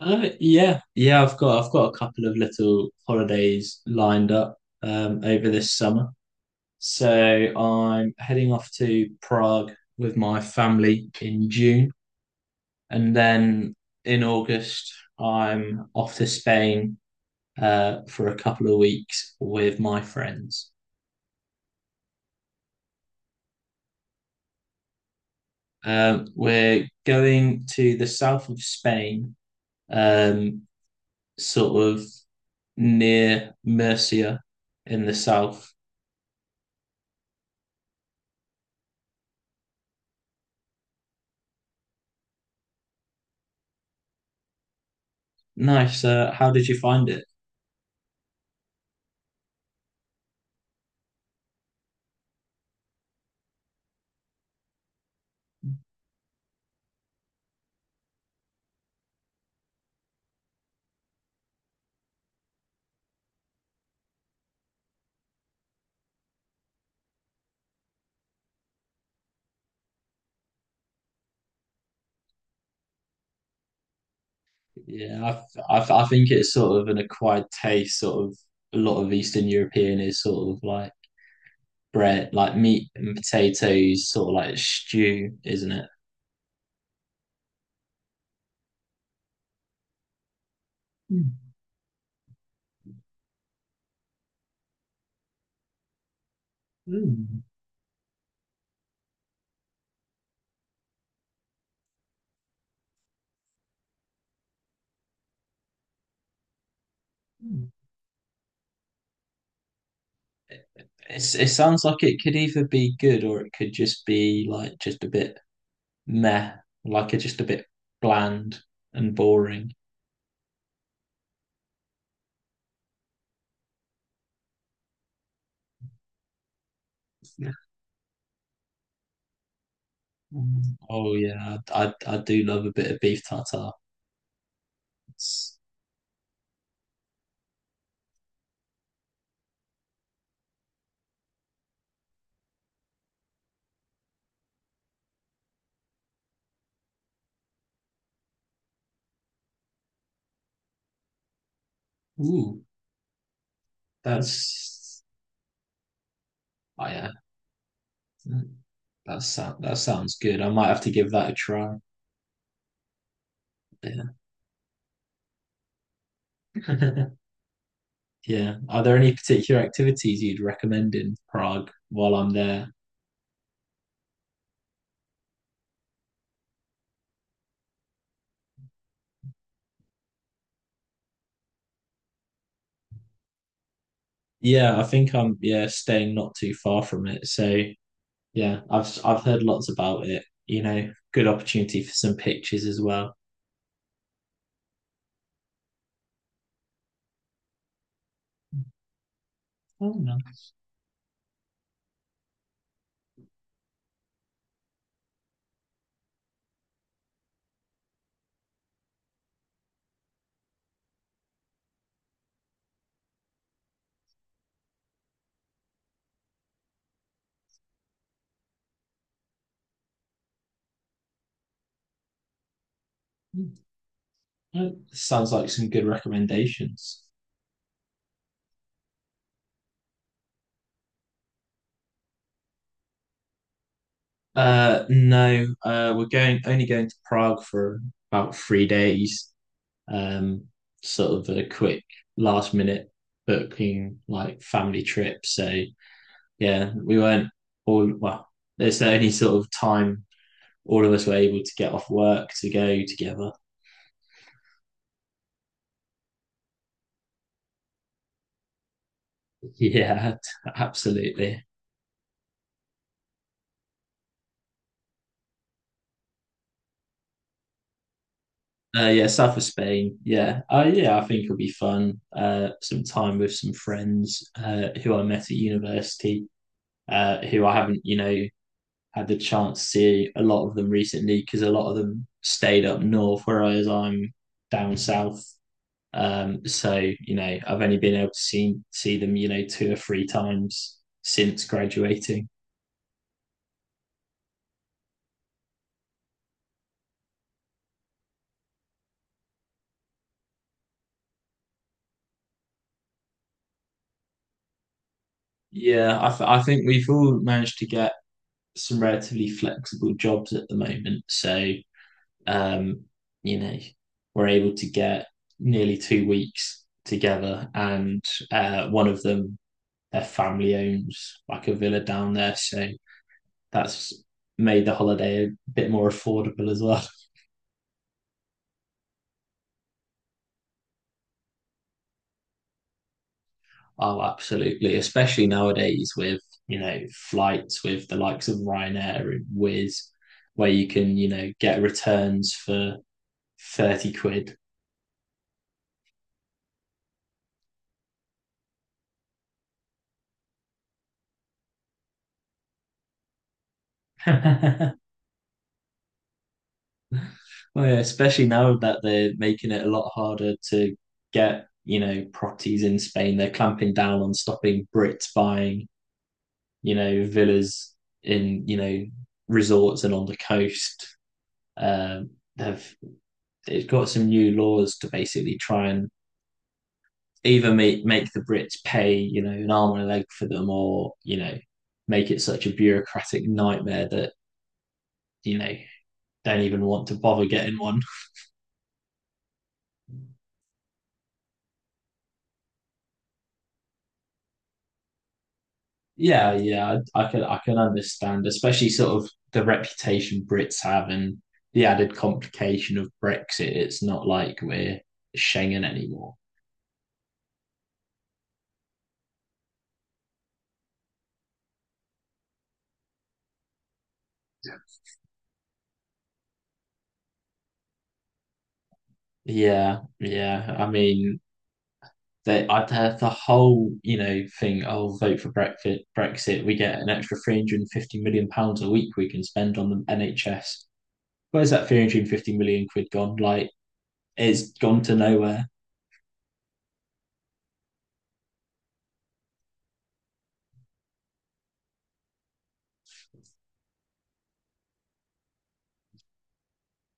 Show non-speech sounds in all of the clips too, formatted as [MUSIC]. Yeah, yeah, I've got a couple of little holidays lined up over this summer. So I'm heading off to Prague with my family in June, and then in August I'm off to Spain for a couple of weeks with my friends. We're going to the south of Spain, um, sort of near Murcia in the south. Nice. How did you find it? Yeah, I think it's sort of an acquired taste. Sort of a lot of Eastern European is sort of like bread, like meat and potatoes, sort of like stew, isn't it? Mm, mm, mm. It sounds like it could either be good, or it could just be like just a bit meh, like it's just a bit bland and boring. Yeah. Mm. Oh yeah, I do love a bit of beef tartare. It's, Ooh, that's I That sound that sounds good. I might have to give that a try. Yeah. [LAUGHS] Yeah. Are there any particular activities you'd recommend in Prague while I'm there? Yeah, I think I'm, yeah, staying not too far from it. So yeah, I've heard lots about it. You know, good opportunity for some pictures as well. Oh no. Mm. Sounds like some good recommendations. No, we're going only going to Prague for about 3 days. um, Sort of a quick last minute booking, like family trip. So yeah, we weren't all well. There's the only sort of time all of us were able to get off work to go together. [LAUGHS] Yeah, absolutely. Yeah, south of Spain. Yeah, yeah, I think it'll be fun. Some time with some friends who I met at university, who I haven't, had the chance to see a lot of them recently, because a lot of them stayed up north, whereas I'm down south. So I've only been able to see them, two or three times since graduating. Yeah, I think we've all managed to get some relatively flexible jobs at the moment. So um, you know, we're able to get nearly 2 weeks together, and one of them, their family owns like a villa down there, so that's made the holiday a bit more affordable as well. [LAUGHS] Oh, absolutely. Especially nowadays with, flights with the likes of Ryanair and Wizz, where you can, get returns for 30 quid. [LAUGHS] Well, yeah, especially now that they're making it a lot harder to get, properties in Spain. They're clamping down on stopping Brits buying, villas in, resorts and on the coast. Um, they've It's got some new laws to basically try and either make the Brits pay, an arm and a leg for them, or make it such a bureaucratic nightmare that you know don't even want to bother getting one. Yeah, yeah, I can understand, especially sort of the reputation Brits have and the added complication of Brexit. It's not like we're Schengen anymore. Yeah, yeah. I mean, I've had the whole, thing. Oh, vote for Brexit. Brexit. We get an extra £350 million a week we can spend on the NHS. Where's that 350 million quid gone? Like, it's gone to nowhere.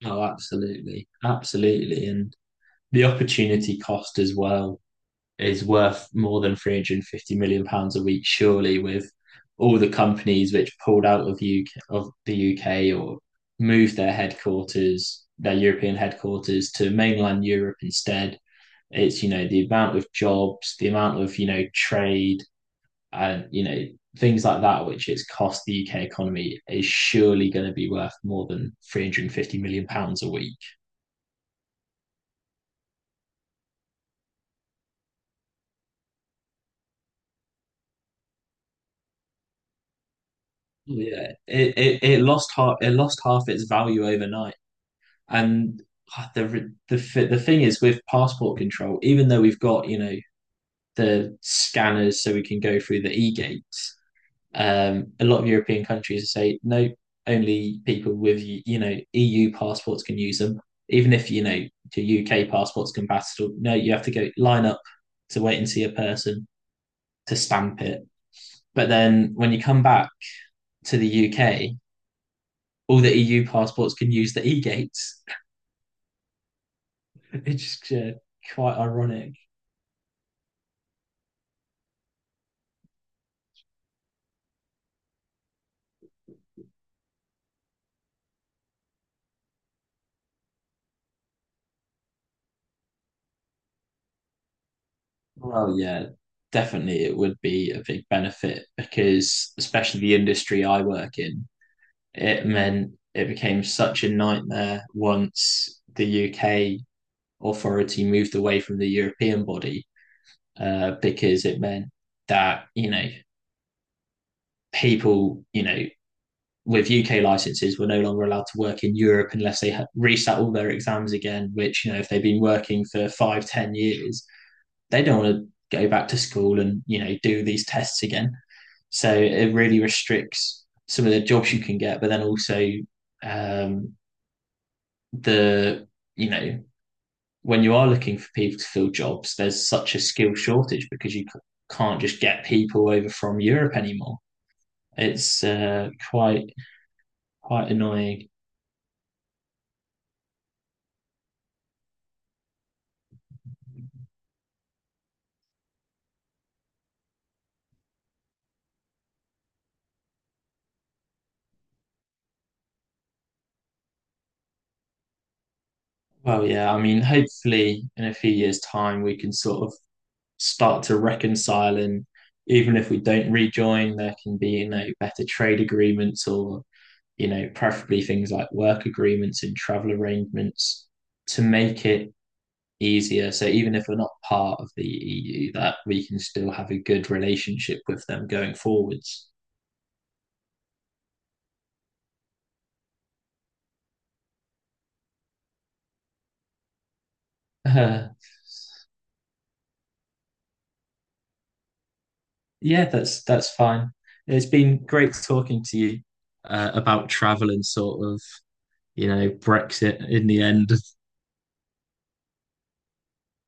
Oh, absolutely, absolutely, and the opportunity cost as well is worth more than £350 million a week, surely, with all the companies which pulled out of the UK, or moved their headquarters, their European headquarters, to mainland Europe instead. It's, the amount of jobs, the amount of, trade and, things like that, which it's cost the UK economy, is surely going to be worth more than 350 million pounds a week. Yeah, it lost half its value overnight. And ah, the the the thing is with passport control, even though we've got the scanners so we can go through the e gates, a lot of European countries say no, only people with EU passports can use them. Even if your UK passport's compatible, no, you have to go line up to wait and see a person to stamp it. But then when you come back to the UK, all the EU passports can use the e gates. [LAUGHS] It's just quite ironic. Well, yeah, definitely it would be a big benefit, because, especially the industry I work in, it meant it became such a nightmare once the UK authority moved away from the European body, because it meant that, people, with UK licenses were no longer allowed to work in Europe unless they had resat all their exams again, which, if they've been working for 5, 10 years, they don't want to go back to school and do these tests again. So it really restricts some of the jobs you can get, but then also um, the you know when you are looking for people to fill jobs, there's such a skill shortage, because you can't just get people over from Europe anymore. It's quite annoying. Well, yeah, I mean, hopefully in a few years' time we can sort of start to reconcile, and even if we don't rejoin, there can be better trade agreements, or preferably things like work agreements and travel arrangements to make it easier, so even if we're not part of the EU, that we can still have a good relationship with them going forwards. uh, yeah, that's fine. It's been great talking to you about travel and sort of, Brexit, in the end.